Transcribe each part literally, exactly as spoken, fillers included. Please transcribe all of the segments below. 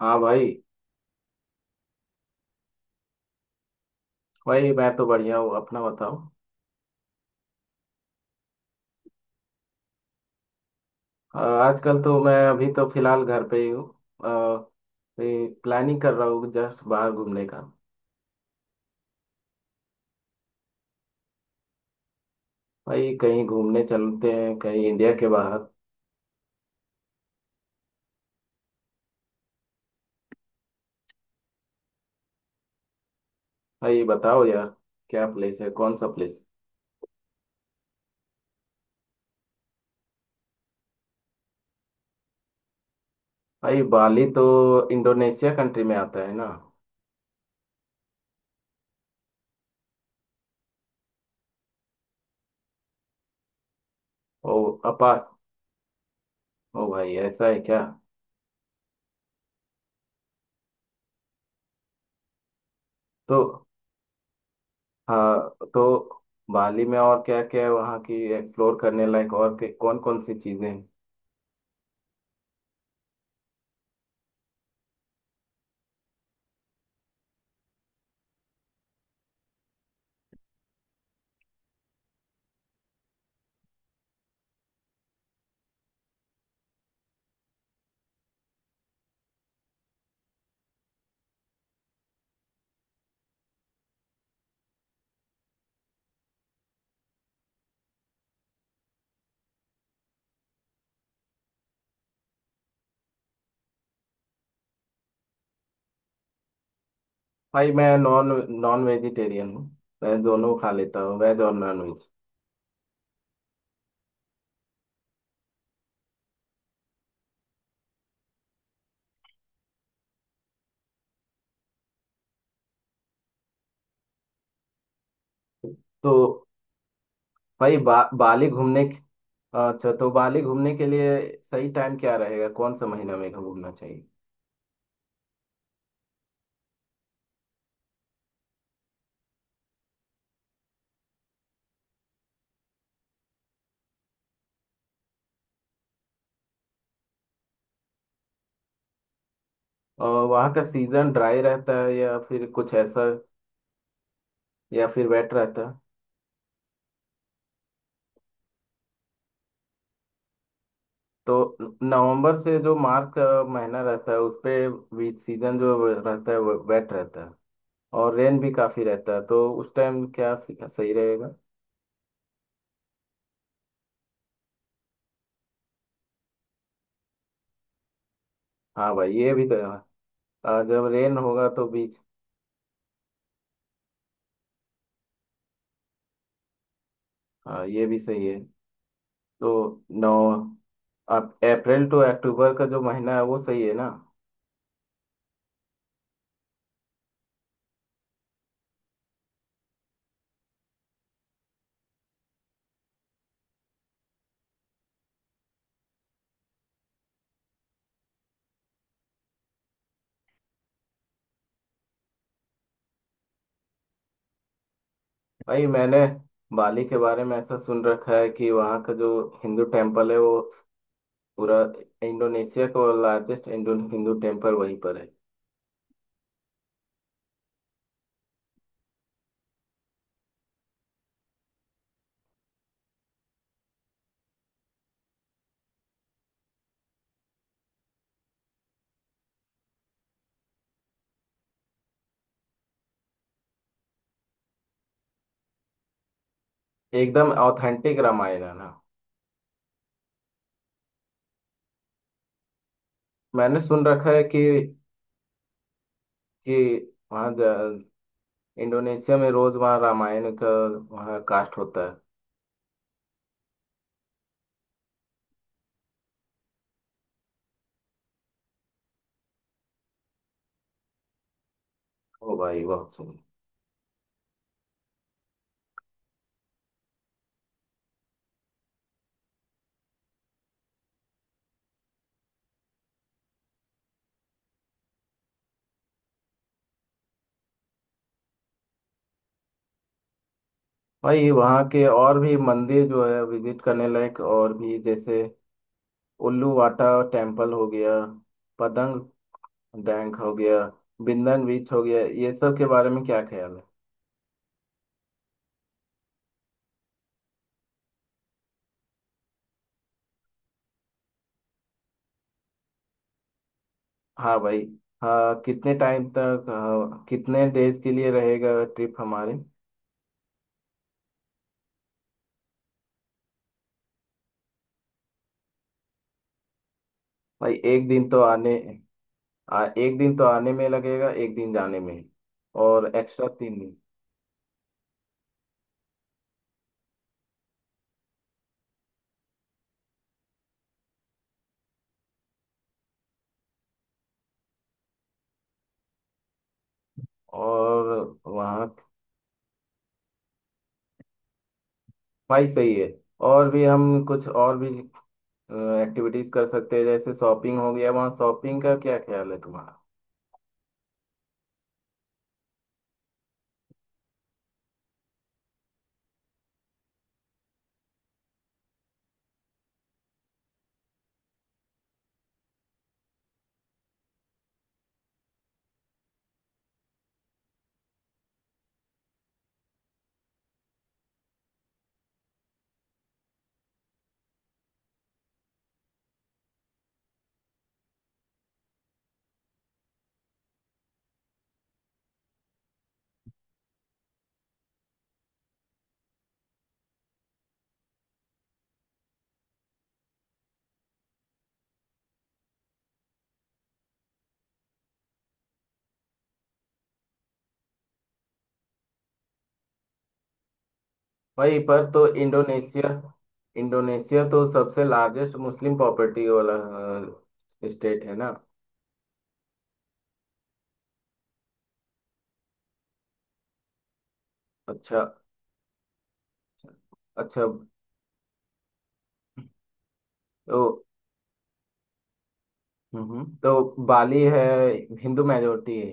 हाँ भाई। भाई मैं तो बढ़िया हूँ, अपना बताओ। अ, आजकल तो मैं अभी तो फिलहाल घर पे ही हूँ, प्लानिंग कर रहा हूँ जस्ट बाहर घूमने का। भाई कहीं घूमने चलते हैं, कहीं इंडिया के बाहर। भाई बताओ यार, क्या प्लेस है, कौन सा प्लेस। भाई बाली तो इंडोनेशिया कंट्री में आता है ना। ओ। अपा। ओ भाई ऐसा है क्या। तो हाँ तो बाली में और क्या क्या है वहाँ की एक्सप्लोर करने लायक, और कौन कौन सी चीज़ें हैं। भाई मैं नॉन नॉन वेजिटेरियन हूँ, मैं दोनों खा लेता हूँ, वेज और नॉन वेज। तो भाई बा, बाली घूमने के- अच्छा, तो बाली घूमने के लिए सही टाइम क्या रहेगा, कौन सा महीना में घूमना चाहिए। और वहाँ का सीजन ड्राई रहता है या फिर कुछ ऐसा, या फिर वेट रहता है। तो नवंबर से जो मार्च का महीना रहता है उस पे भी सीजन जो रहता है वो वेट रहता है और रेन भी काफ़ी रहता है, तो उस टाइम क्या सही रहेगा। हाँ भाई, ये भी तो है। आ, जब रेन होगा तो बीच। हाँ, ये भी सही है। तो नौ अब अप्रैल टू अक्टूबर का जो महीना है वो सही है ना। भाई मैंने बाली के बारे में ऐसा सुन रखा है कि वहाँ का जो हिंदू टेम्पल है वो पूरा इंडोनेशिया का लार्जेस्ट इंडो हिंदू टेम्पल वहीं पर है। एकदम ऑथेंटिक रामायण है ना। मैंने सुन रखा है कि कि वहाँ ज- इंडोनेशिया में रोज वहाँ रामायण का, वहाँ कास्ट होता है। ओ भाई बहुत सुन। भाई वहाँ के और भी मंदिर जो है विजिट करने लायक, और भी जैसे उल्लू वाटा टेम्पल हो गया, पतंग डैंक हो गया, बिंदन बीच हो गया, ये सब के बारे में क्या ख्याल है। हाँ भाई। हाँ, कितने टाइम तक हाँ, कितने डेज के लिए रहेगा ट्रिप हमारे। भाई एक दिन तो आने आ, एक दिन तो आने में लगेगा, एक दिन जाने में, और एक्स्ट्रा तीन दिन। और वहाँ। भाई सही है। और भी हम कुछ और भी एक्टिविटीज कर सकते हैं, जैसे शॉपिंग हो गया, वहाँ शॉपिंग का क्या ख्याल है तुम्हारा। वहीं पर तो इंडोनेशिया इंडोनेशिया तो सबसे लार्जेस्ट मुस्लिम प्रॉपर्टी वाला स्टेट है ना। अच्छा। अच्छा। तो हम्म तो बाली है, हिंदू मेजोरिटी है।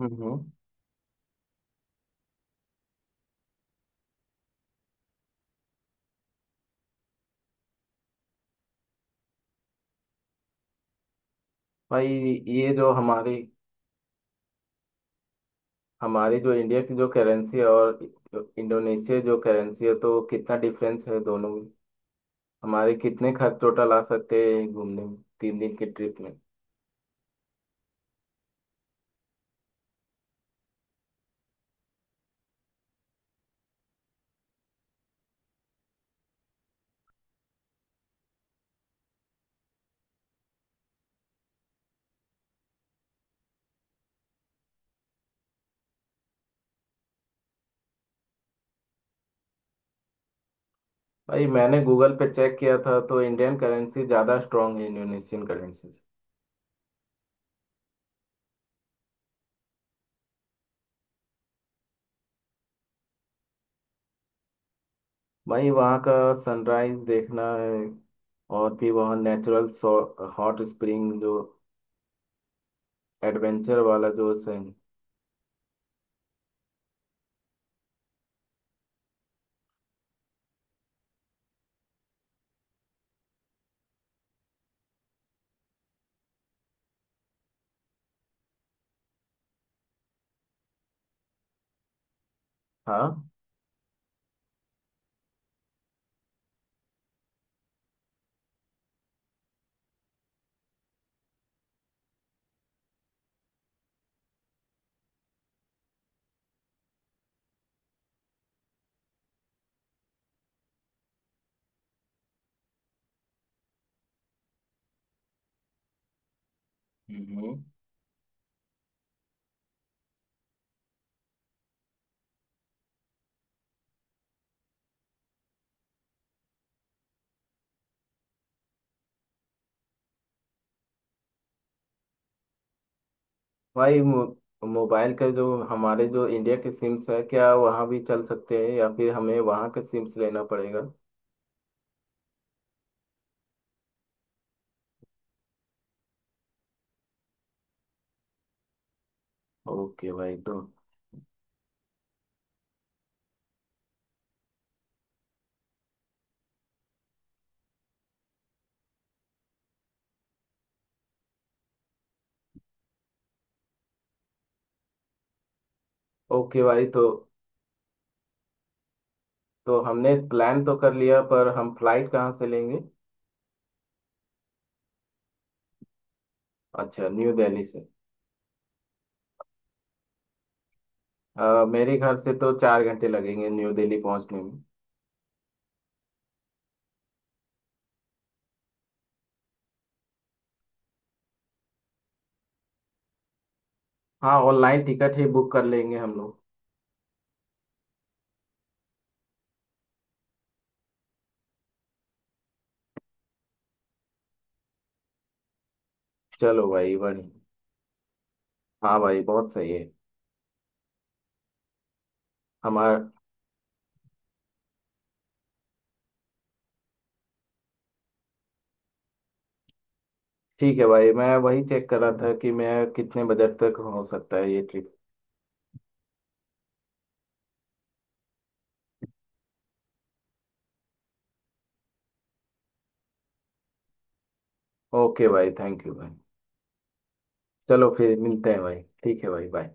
हम्म। भाई ये जो हमारी, हमारी जो इंडिया की जो करेंसी है और जो इंडोनेशिया जो करेंसी है, तो कितना डिफरेंस है दोनों में, हमारे कितने खर्च टोटल आ सकते हैं घूमने में तीन दिन की ट्रिप में। भाई मैंने गूगल पे चेक किया था, तो इंडियन करेंसी ज़्यादा स्ट्रांग है इंडोनेशियन करेंसी से। भाई वहाँ का सनराइज देखना है, और भी वहाँ नेचुरल हॉट स्प्रिंग जो एडवेंचर वाला जो सीन। हाँ। हम्म। भाई मो- मोबाइल का जो हमारे, जो इंडिया के सिम्स है क्या वहाँ भी चल सकते हैं, या फिर हमें वहाँ के सिम्स लेना पड़ेगा। ओके भाई तो। ओके भाई तो। तो हमने प्लान तो कर लिया, पर हम फ्लाइट कहाँ से लेंगे। अच्छा, न्यू दिल्ली से। अ, मेरे घर से तो चार घंटे लगेंगे न्यू दिल्ली पहुंचने में। हाँ, ऑनलाइन टिकट ही बुक कर लेंगे हम लोग। चलो भाई, बढ़िया। हाँ भाई, बहुत सही है। हमारा ठीक है भाई, मैं वही चेक कर रहा था कि मैं कितने बजट तक हो सकता है ये ट्रिप। ओके भाई, थैंक यू भाई। चलो, फिर मिलते हैं भाई, ठीक है भाई, बाय।